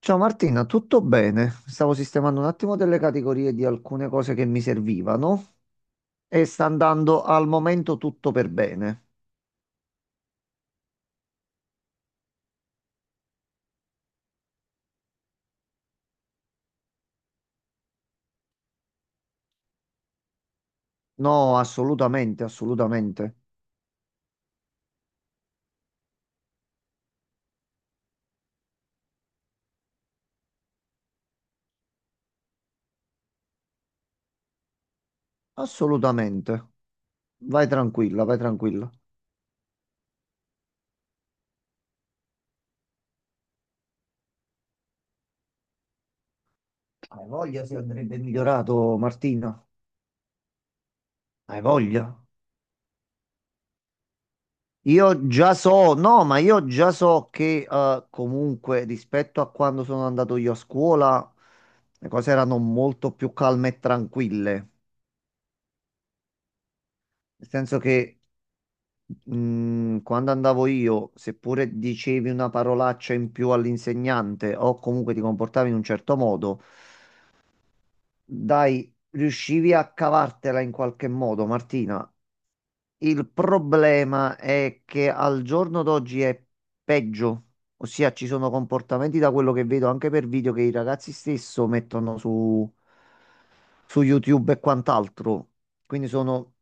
Ciao Martina, tutto bene? Stavo sistemando un attimo delle categorie di alcune cose che mi servivano e sta andando al momento tutto per bene. No, assolutamente, assolutamente, assolutamente. Vai tranquilla, vai tranquilla. Hai voglia se andrebbe migliorato, Martina? Hai voglia? Io già so, no, ma io già so che comunque rispetto a quando sono andato io a scuola, le cose erano molto più calme e tranquille. Nel senso che, quando andavo io, seppure dicevi una parolaccia in più all'insegnante o comunque ti comportavi in un certo modo, dai, riuscivi a cavartela in qualche modo, Martina. Il problema è che al giorno d'oggi è peggio, ossia ci sono comportamenti da quello che vedo anche per video che i ragazzi stesso mettono su, su YouTube e quant'altro. Quindi sono,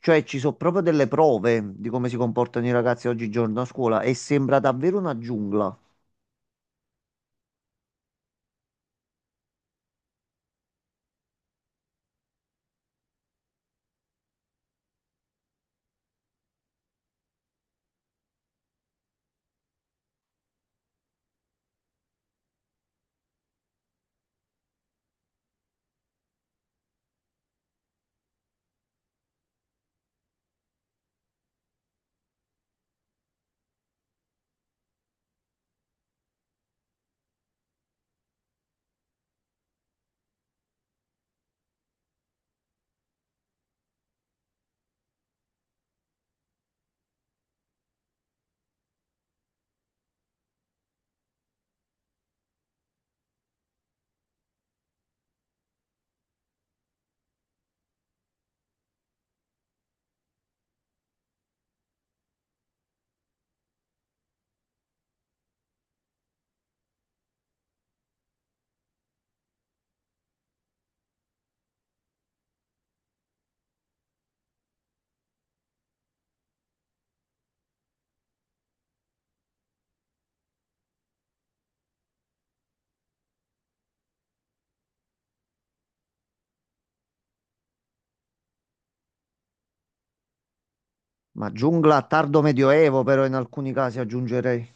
cioè ci sono proprio delle prove di come si comportano i ragazzi oggigiorno a scuola e sembra davvero una giungla, ma giungla tardo medioevo però in alcuni casi aggiungerei.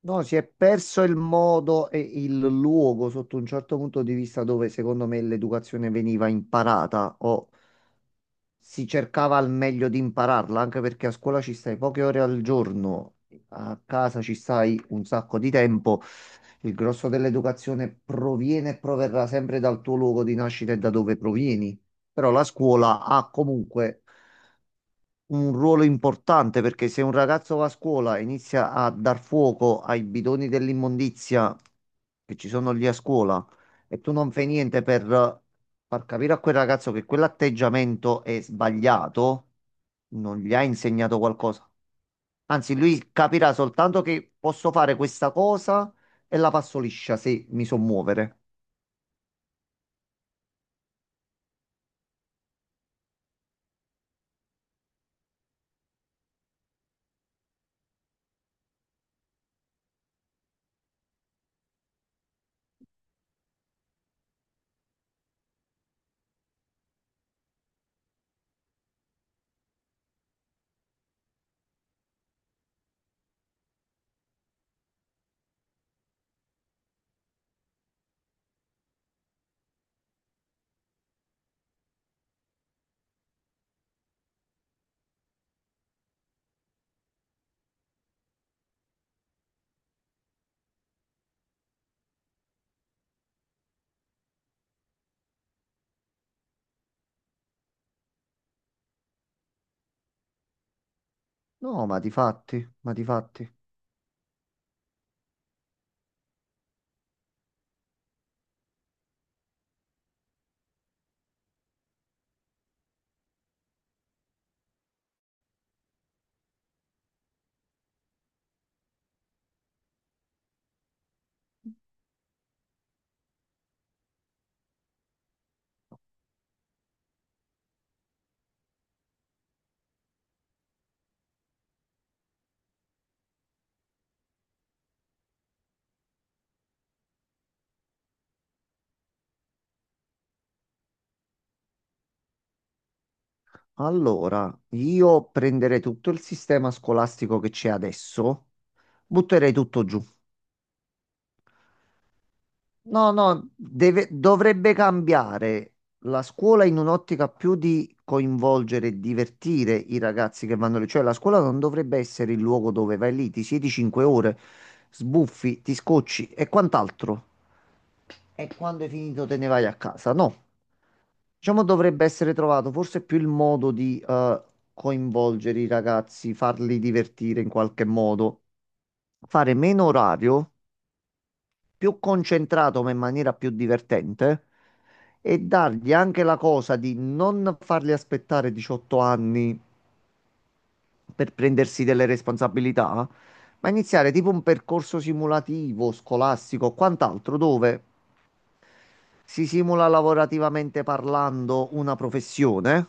No, si è perso il modo e il luogo sotto un certo punto di vista dove secondo me l'educazione veniva imparata o si cercava al meglio di impararla, anche perché a scuola ci stai poche ore al giorno, a casa ci stai un sacco di tempo. Il grosso dell'educazione proviene e proverrà sempre dal tuo luogo di nascita e da dove provieni. Però la scuola ha comunque un ruolo importante, perché se un ragazzo va a scuola e inizia a dar fuoco ai bidoni dell'immondizia che ci sono lì a scuola e tu non fai niente per far capire a quel ragazzo che quell'atteggiamento è sbagliato, non gli hai insegnato qualcosa. Anzi, lui capirà soltanto che posso fare questa cosa e la passo liscia se mi so muovere. No, ma di fatti, ma di fatti. Allora, io prenderei tutto il sistema scolastico che c'è adesso, butterei tutto giù. No, no, dovrebbe cambiare la scuola in un'ottica più di coinvolgere e divertire i ragazzi che vanno lì. Cioè, la scuola non dovrebbe essere il luogo dove vai lì, ti siedi 5 ore, sbuffi, ti scocci e quant'altro. E quando hai finito te ne vai a casa? No. Diciamo dovrebbe essere trovato forse più il modo di coinvolgere i ragazzi, farli divertire in qualche modo, fare meno orario, più concentrato ma in maniera più divertente, e dargli anche la cosa di non farli aspettare 18 anni per prendersi delle responsabilità, ma iniziare tipo un percorso simulativo, scolastico o quant'altro, dove si simula lavorativamente parlando una professione,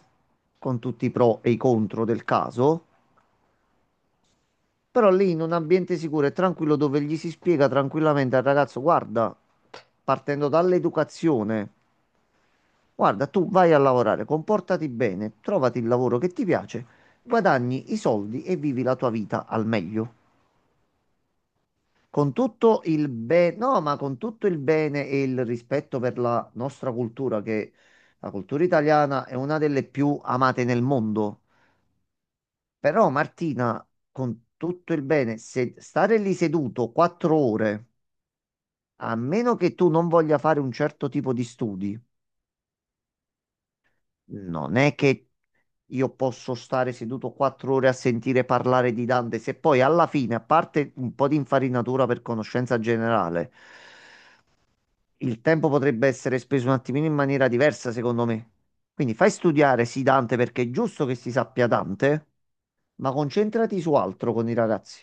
con tutti i pro e i contro del caso, però lì in un ambiente sicuro e tranquillo dove gli si spiega tranquillamente al ragazzo: guarda, partendo dall'educazione, guarda, tu vai a lavorare, comportati bene, trovati il lavoro che ti piace, guadagni i soldi e vivi la tua vita al meglio. Con tutto il bene, no, ma con tutto il bene e il rispetto per la nostra cultura, che la cultura italiana è una delle più amate nel mondo. Però, Martina, con tutto il bene, se stare lì seduto 4 ore, a meno che tu non voglia fare un certo tipo di studi, non è che io posso stare seduto 4 ore a sentire parlare di Dante, se poi alla fine, a parte un po' di infarinatura per conoscenza generale. Il tempo potrebbe essere speso un attimino in maniera diversa, secondo me. Quindi fai studiare sì Dante, perché è giusto che si sappia Dante, ma concentrati su altro con i ragazzi.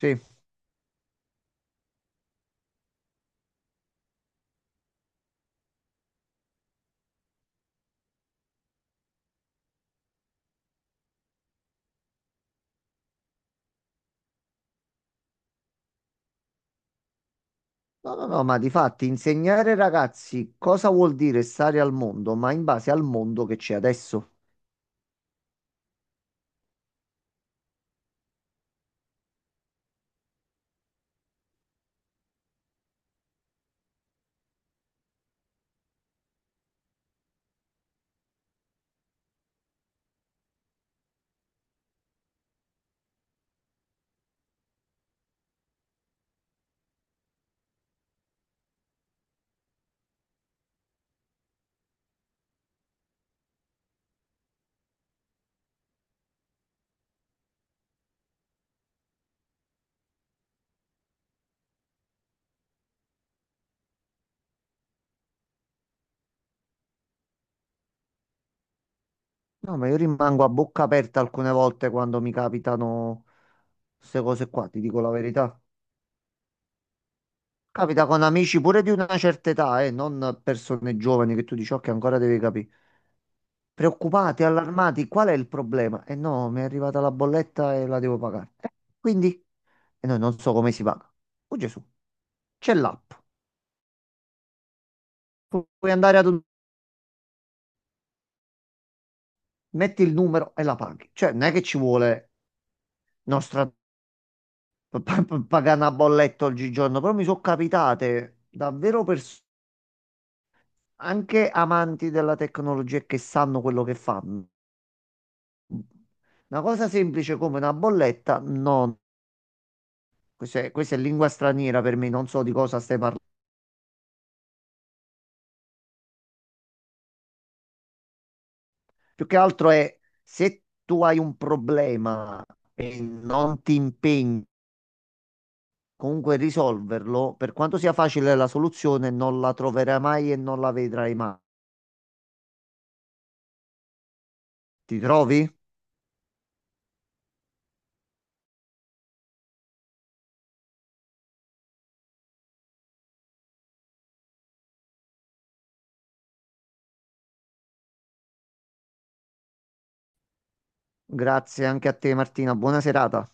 Sì. No, no, no, ma di fatti, insegnare ai ragazzi cosa vuol dire stare al mondo, ma in base al mondo che c'è adesso. No, ma io rimango a bocca aperta alcune volte quando mi capitano queste cose qua, ti dico la verità. Capita con amici pure di una certa età, non persone giovani che tu dici, ok, ancora devi capire. Preoccupati, allarmati, qual è il problema? E no, mi è arrivata la bolletta e la devo pagare. Quindi? E noi non so come si paga. Oh Gesù, c'è l'app. Puoi andare ad un... metti il numero e la paghi. Cioè, non è che ci vuole nostra... pagare una bolletta oggigiorno, però mi sono capitate davvero persone, anche amanti della tecnologia e che sanno quello che fanno. Una cosa semplice come una bolletta, no, questa è lingua straniera per me, non so di cosa stai parlando. Più che altro è, se tu hai un problema e non ti impegni comunque a risolverlo, per quanto sia facile la soluzione, non la troverai mai e non la vedrai mai. Ti trovi? Grazie anche a te, Martina. Buona serata.